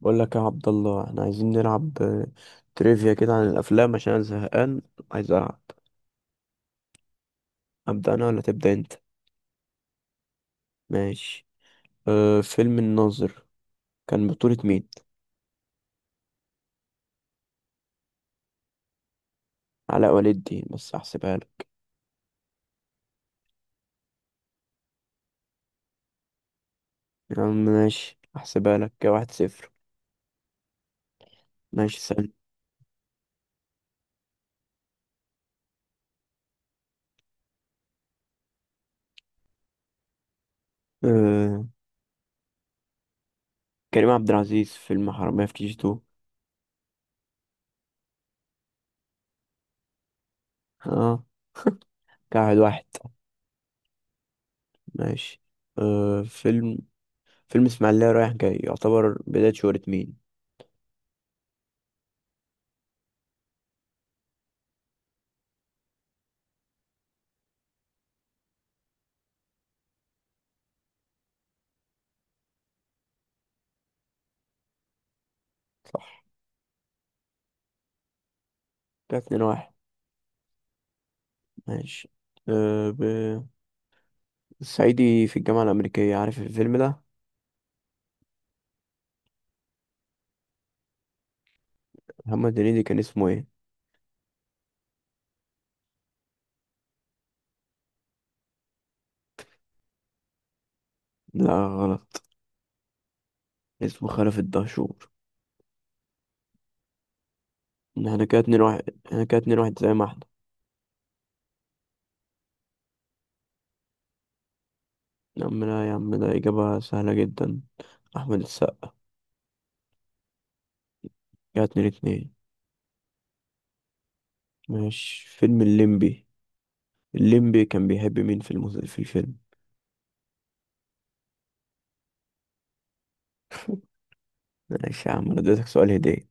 بقول لك يا عبد الله، احنا عايزين نلعب تريفيا كده عن الافلام عشان انا زهقان عايز العب. ابدا انا ولا تبدا انت؟ ماشي. فيلم الناظر كان بطولة مين؟ علاء ولي الدين، بس احسبها لك. يا عم ماشي، احسبها لك كده 1-0. ماشي سهل. أه كريم عبد العزيز، فيلم حرامية في كي جي تو. اه كده 1-1. ماشي، أه فيلم فيلم اسماعيلية رايح جاي يعتبر بداية شهرة مين؟ صح، كده 2-1. ماشي، أه ب... الصعيدي في الجامعة الأمريكية، عارف الفيلم ده؟ محمد هنيدي كان اسمه ايه؟ لا غلط، اسمه خلف الدهشور. احنا كده اتنين واحد زي ما احنا. يا عم لا يا عم، ده إجابة سهلة جدا، أحمد السقا. كده 2-2. ماشي، فيلم الليمبي، الليمبي كان بيحب مين في الفيلم؟ ماشي يا عم، انا اديتك سؤال هدية،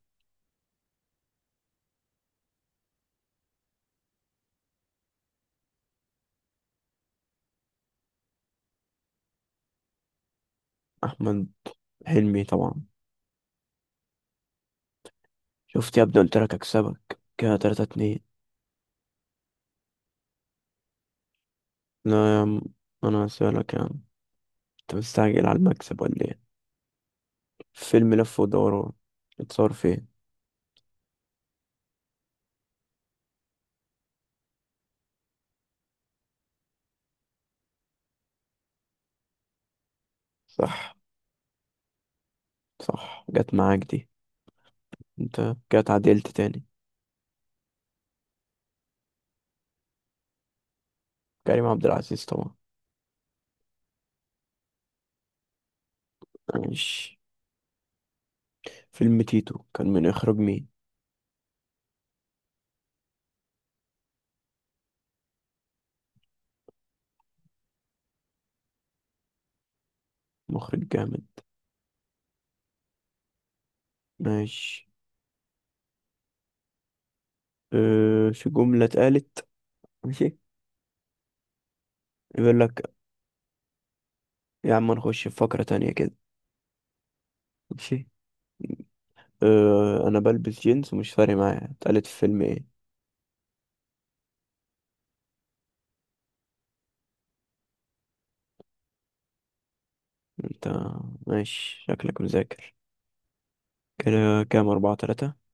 احمد حلمي طبعا. شفت يا ابني، قلت لك اكسبك كده 3-2. لا يا عم، انا هسألك يا عم، انت مستعجل على المكسب ولا ايه؟ فيلم لف ودوران اتصور فين؟ صح. صح، جت معاك دي. انت كده اتعدلت تاني. كريم عبد العزيز طبعا. ماشي، فيلم تيتو كان من اخراج مين؟ مخرج جامد. ماشي، في جملة اتقالت. ماشي، يقول لك يا عم، نخش في فقرة تانية كده. ماشي، أنا بلبس جينز ومش فارق معايا اتقالت في فيلم إيه؟ أنت ماشي، شكلك مذاكر كده، كام 4-3.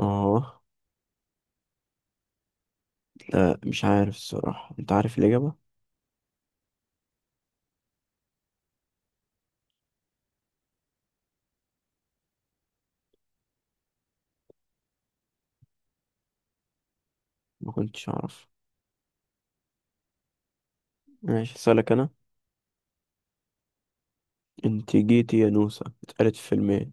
أه لا مش عارف الصراحة، أنت عارف الإجابة. ما كنتش أعرف. ماشي أسألك أنا، انت جيتي يا نوسة اتقالت في فيلمين.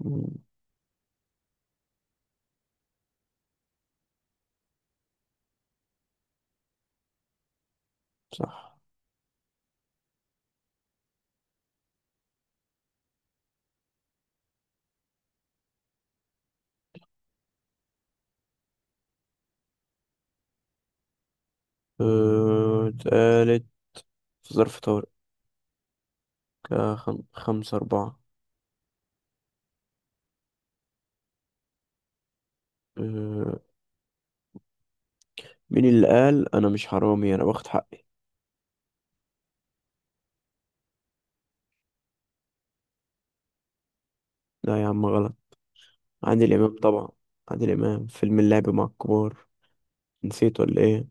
مم. صح. اه، اتقالت في ظرف طارق، 5-4. اه، مين اللي قال أنا مش حرامي أنا باخد حقي؟ لا يا عم غلط، عادل إمام طبعا، عادل إمام فيلم اللعب مع الكبار، نسيت ولا إيه؟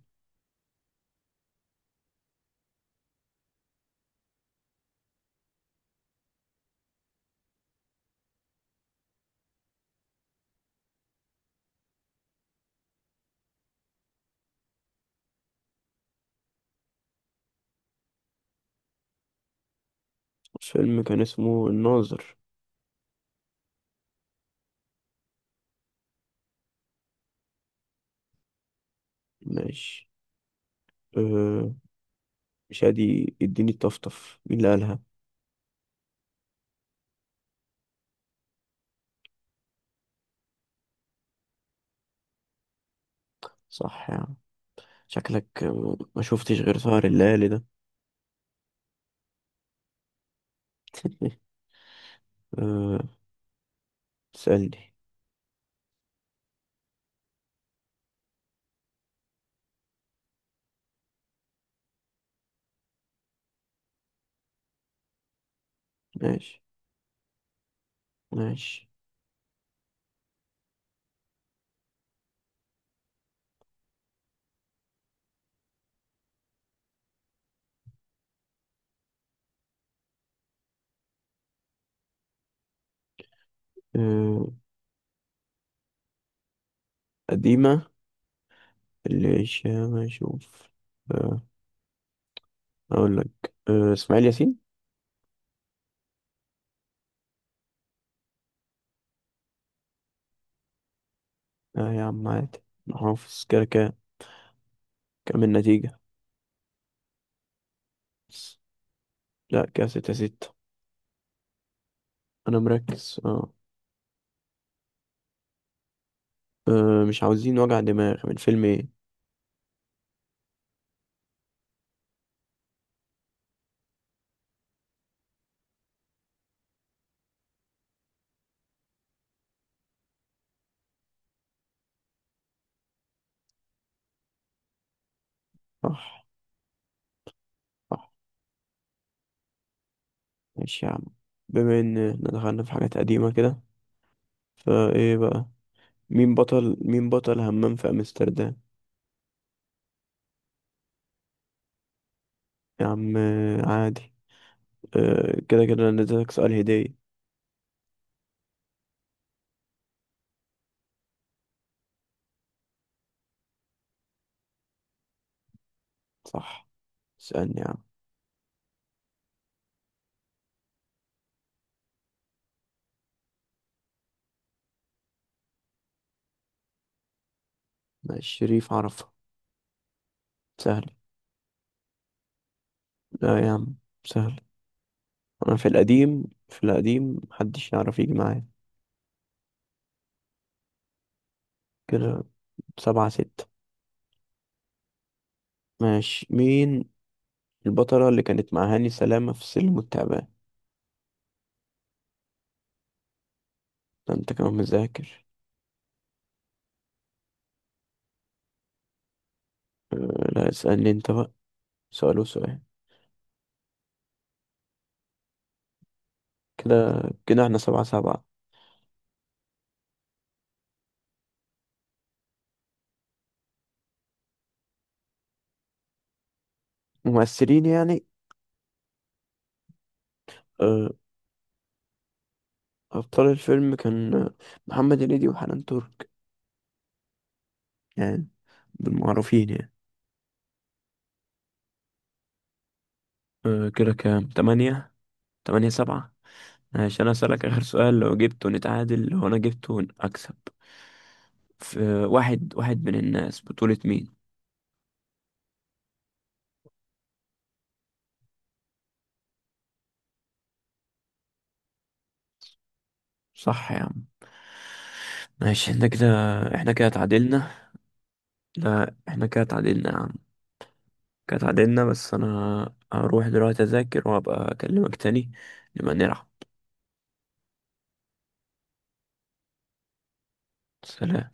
الفيلم كان اسمه الناظر. ماشي، اه، مش هادي اديني الطفطف، مين اللي قالها؟ صح يا عم، شكلك ما شفتش غير سهر الليالي ده. اه، تسألني. ماشي، ماشي. أه قديمة. اللي شام أشوف. أه أقول لك إسماعيل ياسين. يا عم عادي، أنا حافظ كده كده. كام النتيجة؟ لا، كده 6-6. أنا مركز. مش عاوزين وجع دماغ من فيلم إيه؟ صح، صح. ماشي يا عم، بما إن دخلنا في حاجات قديمة كده، فإيه بقى؟ مين بطل همام في أمستردام؟ يا عم، عادي، كده كده أنا اديتك سؤال هدية. صح، اسألني يا عم. ماشي، شريف عرفة، سهل. لا يا عم، سهل، أنا في القديم محدش يعرف يجي معايا. كده 7-6. ماشي، مين البطلة اللي كانت مع هاني سلامة في سلم والتعبان؟ ده أنت كمان مذاكر. أه، لا اسألني أنت بقى، سؤال وسؤال، كده كده احنا 7-7. ممثلين يعني؟ أه، أبطال الفيلم كان محمد هنيدي وحنان ترك يعني، بالمعروفين يعني. كده كام تمانية، 8-7. عشان أسألك آخر سؤال، لو جبته نتعادل، لو أنا جبته أكسب. في واحد من الناس، بطولة مين؟ صح يا عم. ماشي، احنا كده اتعادلنا. لا احنا كده اتعادلنا يا عم، كده اتعادلنا بس أنا هروح دلوقتي أذاكر وأبقى أكلمك تاني، نبقى نلعب. سلام.